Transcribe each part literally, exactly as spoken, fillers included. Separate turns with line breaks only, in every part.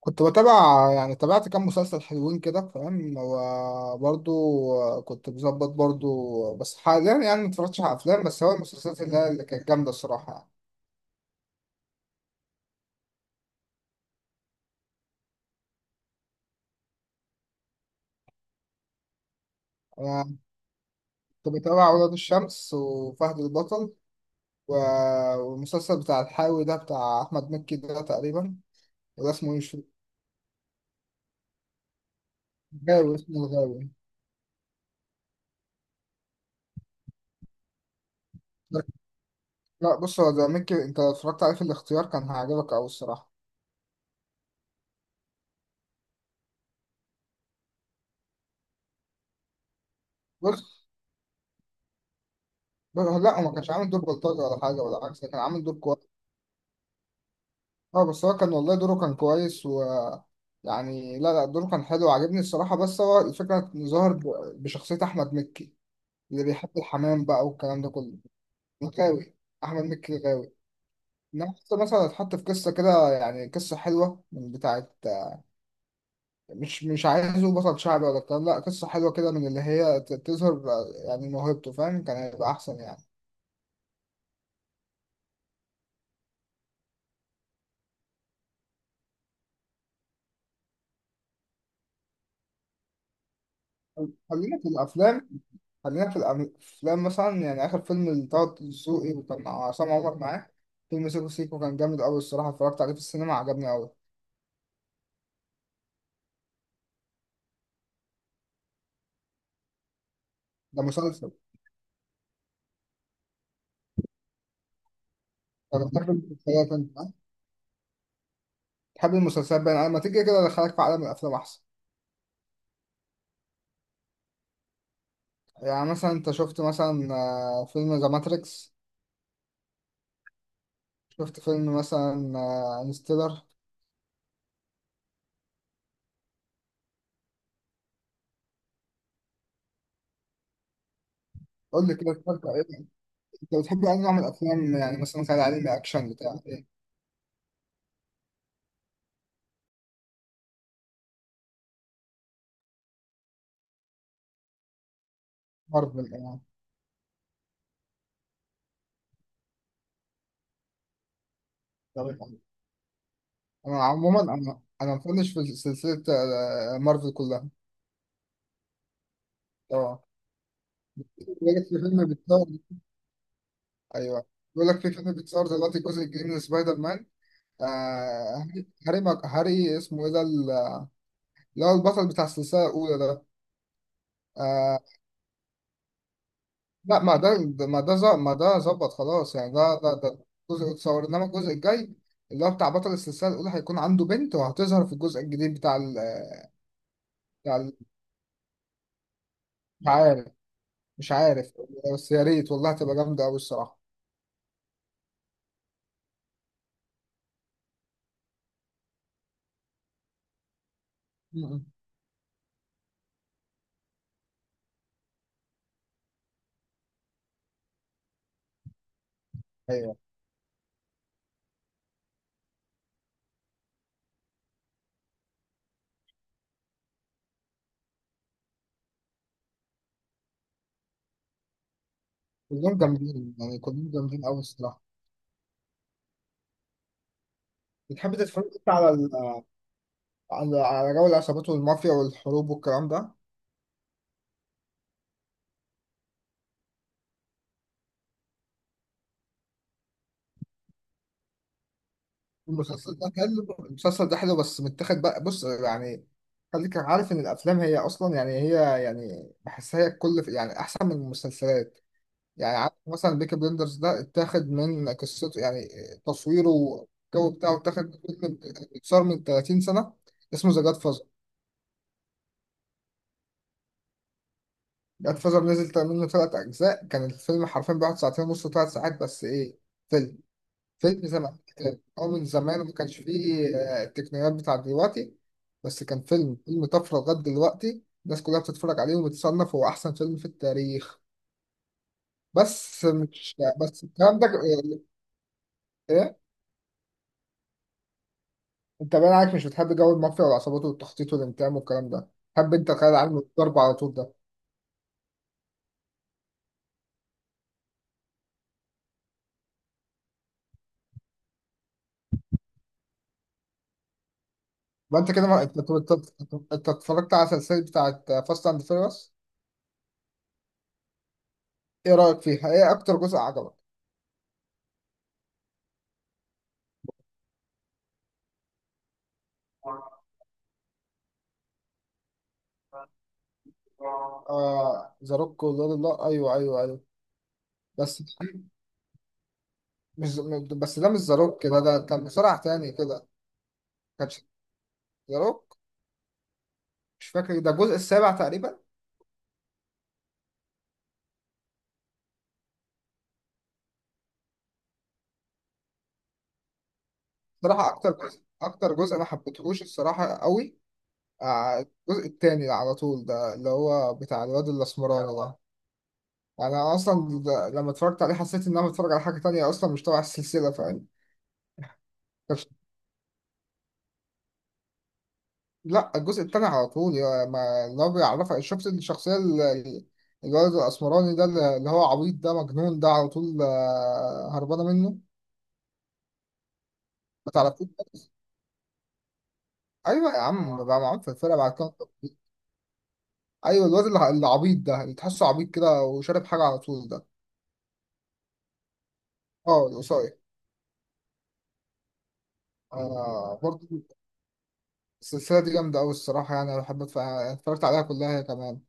كنت بتابع، يعني تابعت كام مسلسل حلوين كده فاهم، وبرضو كنت بظبط برضو، بس حاليا يعني ما اتفرجتش على افلام. بس هو المسلسلات اللي هي اللي كانت جامده الصراحه. يعني انا كنت بتابع ولاد الشمس وفهد البطل و- والمسلسل بتاع الحاوي ده بتاع احمد مكي ده تقريبا. وده اسمه مش غاوي، اسمه الغاوي. لا، بص، هو ده مكي، انت لو اتفرجت عليه في الاختيار كان هيعجبك قوي الصراحه. بص بص- لا، هو ما كانش عامل دور بلطجي ولا حاجه، ولا عكس، كان عامل دور كويس. اه بس هو كان والله دوره كان كويس و يعني، لا لا دوره كان حلو وعجبني الصراحة. بس هو الفكرة إنه ظهر ب- بشخصية أحمد مكي اللي بيحب الحمام بقى والكلام ده كله. غاوي، أحمد مكي غاوي. إنما حتى مثلا اتحط في قصة كده، يعني قصة حلوة من بتاعة، مش مش عايزه بطل شعبي ولا الكلام، لا قصة حلوة كده من اللي هي ت- تظهر يعني موهبته فاهم، كان هيبقى أحسن يعني. خلينا في الأفلام خلينا في الأفلام مثلا، يعني آخر فيلم لطه دسوقي وكان عصام عمر معاه، فيلم سيكو سيكو، كان جامد أوي الصراحة، اتفرجت عليه في السينما، عجبني أوي. ده مسلسل. أنا بتحب المسلسلات أنت، ها؟ بتحب المسلسلات بقى، أنا لما تيجي كده أدخلك في عالم الأفلام أحسن. يعني مثلا أنت شفت مثلا آه، فيلم ذا ماتريكس. شفت فيلم مثلا آه، انستيلر. قول لي كده اتفرجت على إيه. أنت بتحب أي نوع من الأفلام؟ يعني مثلا خيال علمي، أكشن، بتاع إيه. مارفل يعني؟ طب أنا عموما أنا أنا مفنش في سلسلة آه، مارفل كلها طبعا. بيقول لك في فيلم بيتصور. ايوه، بيقول لك في فيلم بيتصور دلوقتي الجزء الجديد من سبايدر مان. آه هاري هاري ماك- هاري اسمه ايه ده، ال- اللي هو البطل بتاع السلسله الاولى ده. آه، لا ما ده ما ده ظ- ما ده ظبط، خلاص يعني، ده ده ده جزء اتصور، انما الجزء الجاي اللي هو بتاع بطل السلسله الاولى هيكون عنده بنت، وهتظهر في الجزء الجديد بتاع ال بتاع ال مش عارف مش عارف، بس يا ريت والله هتبقى جامده قوي الصراحه. م- م. ايوه، كلهم جامدين يعني، كلهم جامدين قوي الصراحه. بتحب تتفرج انت على على على جو العصابات والمافيا والحروب والكلام ده؟ المسلسل ده حلو المسلسل ده حلو بس متاخد بقى. بص يعني، خليك عارف ان الافلام هي اصلا، يعني هي، يعني بحسها هي كل يعني احسن من المسلسلات. يعني عارف مثلا بيكي بلندرز ده اتاخد من قصته، يعني تصويره والجو بتاعه اتاخد من فيلم، اتصور من ثلاثين سنة سنه، اسمه ذا جاد فازر. جاد فازر نزل منه ثلاث اجزاء، كان الفيلم حرفيا بيقعد ساعتين ونص، ثلاث ساعات، بس ايه، فيلم فيلم زمان آه، أو من زمان ما كانش فيه آه، التقنيات بتاعت دلوقتي. بس كان فيلم فيلم طفرة، لغاية دلوقتي الناس كلها بتتفرج عليه وبتصنف هو أحسن فيلم في التاريخ. بس مش بس الكلام ده إيه؟ أنت باين عليك مش بتحب جو المافيا والعصابات والتخطيط والانتقام والكلام ده. تحب أنت الخيال العلمي والضرب على طول ده. ما أنت كده ما... أنت أنت أنت أنت اتفرجت على السلسلة بتاعت فاست أند فيرس، إيه رأيك فيها؟ إيه أكتر جزء عجبك؟ آه ذا روك، والله أيوه أيوه أيوه. بس مش بس ده مش ذا روك، ده ده ده مصارع تاني كده. كانش ذا روك، مش فاكر، ده الجزء السابع تقريبا. صراحة أكتر جزء أكتر جزء ما حبيتهوش الصراحة قوي. آه، الجزء التاني على طول ده، اللي هو بتاع الواد الأسمراني ده. يعني أنا أصلا ده- لما اتفرجت عليه حسيت إن أنا بتفرج على حاجة تانية أصلا، مش تبع السلسلة فاهم. كانش- لا، الجزء التاني على طول يا- ما اللي هو بيعرفك، شفت الشخصية ال- ال- الولد الأسمراني ده، اللي اللي هو عبيط ده، مجنون ده على طول، آه، هربانة منه. ما تعرفوش ده؟ ايوه يا عم، بقى معاهم في الفرقه بعد كده. ايوه الواد اللي اللي عبيط ده، اللي تحسه عبيط كده وشارب حاجه على طول ده. اه، القصير. آه برضه. السلسله دي جامده قوي الصراحه، يعني انا بحب أتف- اتفرجت عليها كلها هي كمان.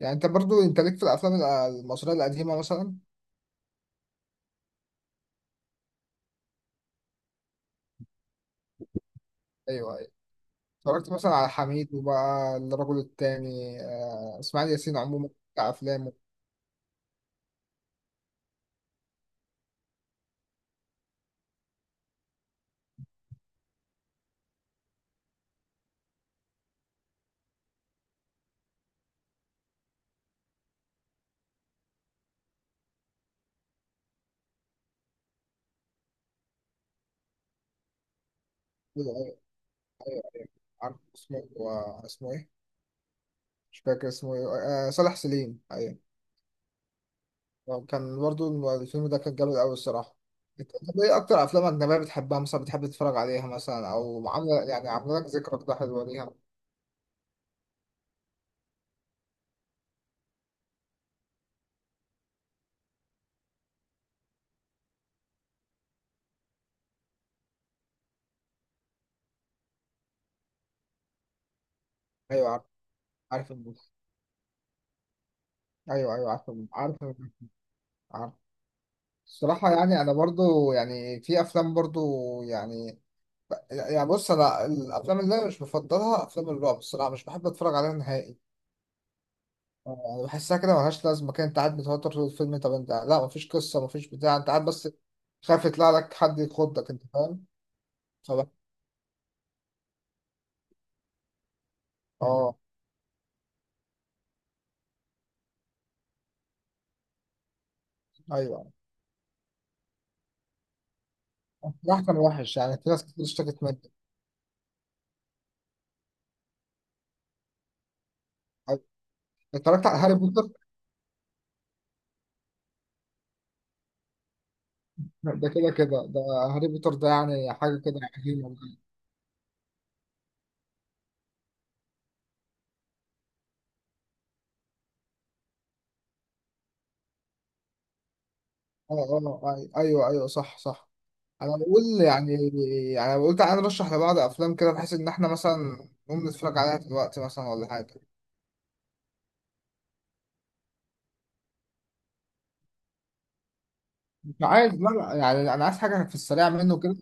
يعني انت برضه انت ليك في الافلام ال- المصريه القديمه مثلا. ايوه ايوه. اتفرجت مثلا على حميد وبقى الرجل التاني، آه اسماعيل ياسين عموما بتاع افلامه. عارف اسمه آه، اسمه ايه، مش فاكر اسمه ايه. آه، صالح سليم، ايوه. آه، كان برضو الفيلم ده كان جامد أوي الصراحة. أنت طب إيه أكتر أفلام أجنبية بتحبها مثلا، بتحب تتفرج عليها مثلا، أو عاملة، يعني عاملة لك ذكرى كده حلوة ليها. أيوه عارف، عارف الموضوع. أيوه أيوه عارف الموضوع. عارف الموضوع. عارف. الصراحة يعني أنا برضو يعني في أفلام برضو، يعني، يعني بص، أنا الأفلام اللي أنا مش بفضلها أفلام الرعب الصراحة، مش بحب أتفرج عليها نهائي. يعني بحسها كده ملهاش لازمة كده، أنت قاعد متوتر طول الفيلم، طب أنت لا، مفيش قصة، مفيش بتاع، أنت قاعد بس خايف يطلع لك حد يخضك، أنت فاهم؟ اه ايوه. راح كان وحش، يعني في ناس كتير اشتكت منه. اتفرجت على هاري بوتر. ده كده كده ده. هاري بوتر ده يعني حاجه كده عجيبه بجد. اه اه، أي- ايوه ايوه، صح صح. انا بقول يعني يعني انا قلت عايز ارشح لبعض افلام كده بحيث ان احنا مثلا نقوم نتفرج عليها دلوقتي مثلا ولا حاجه. مش عايز، لا لا، يعني انا عايز حاجه في السريع منه كده.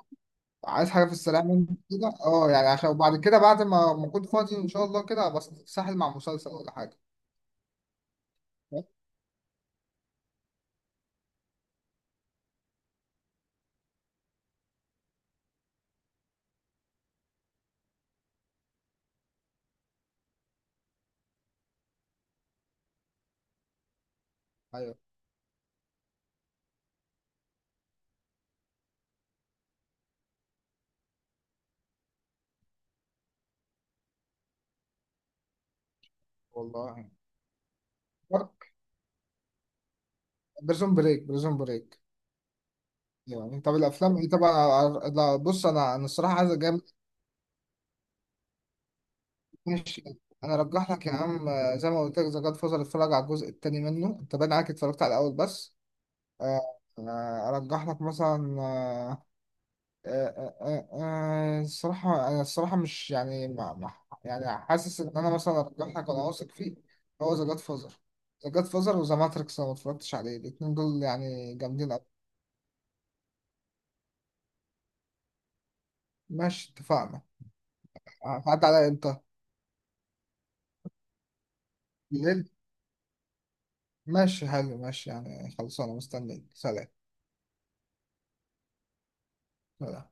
عايز حاجه في السريع منه كده، اه يعني عشان، وبعد كده بعد ما ما اكون فاضي ان شاء الله كده، بس ساحل مع مسلسل ولا حاجه. ايوه والله، بريزون بريك بريزون بريك. يعني طب الافلام، ايه طبعا. لا بص، انا انا الصراحه عايز اجامل. ماشي. انا ارجح لك يا عم، آه، زي ما قلت لك ذا جاد فازر، اتفرج على الجزء الثاني منه، انت باين عليك اتفرجت على الاول بس. آه، آه، ارجح لك مثلا آه، آه، آه، آه، آه، الصراحه، انا الصراحه مش يعني ما ما- يعني حاسس ان انا مثلا ارجح لك وانا واثق فيه. هو ذا جاد فازر ذا جاد فازر وذا ماتريكس، انا ما اتفرجتش عليه، الاثنين دول يعني جامدين قوي. ماشي، اتفقنا. هتعدي عليا امتى؟ بالليل. ماشي حلو، ماشي، يعني خلصانة، مستنيك، سلام. سلام.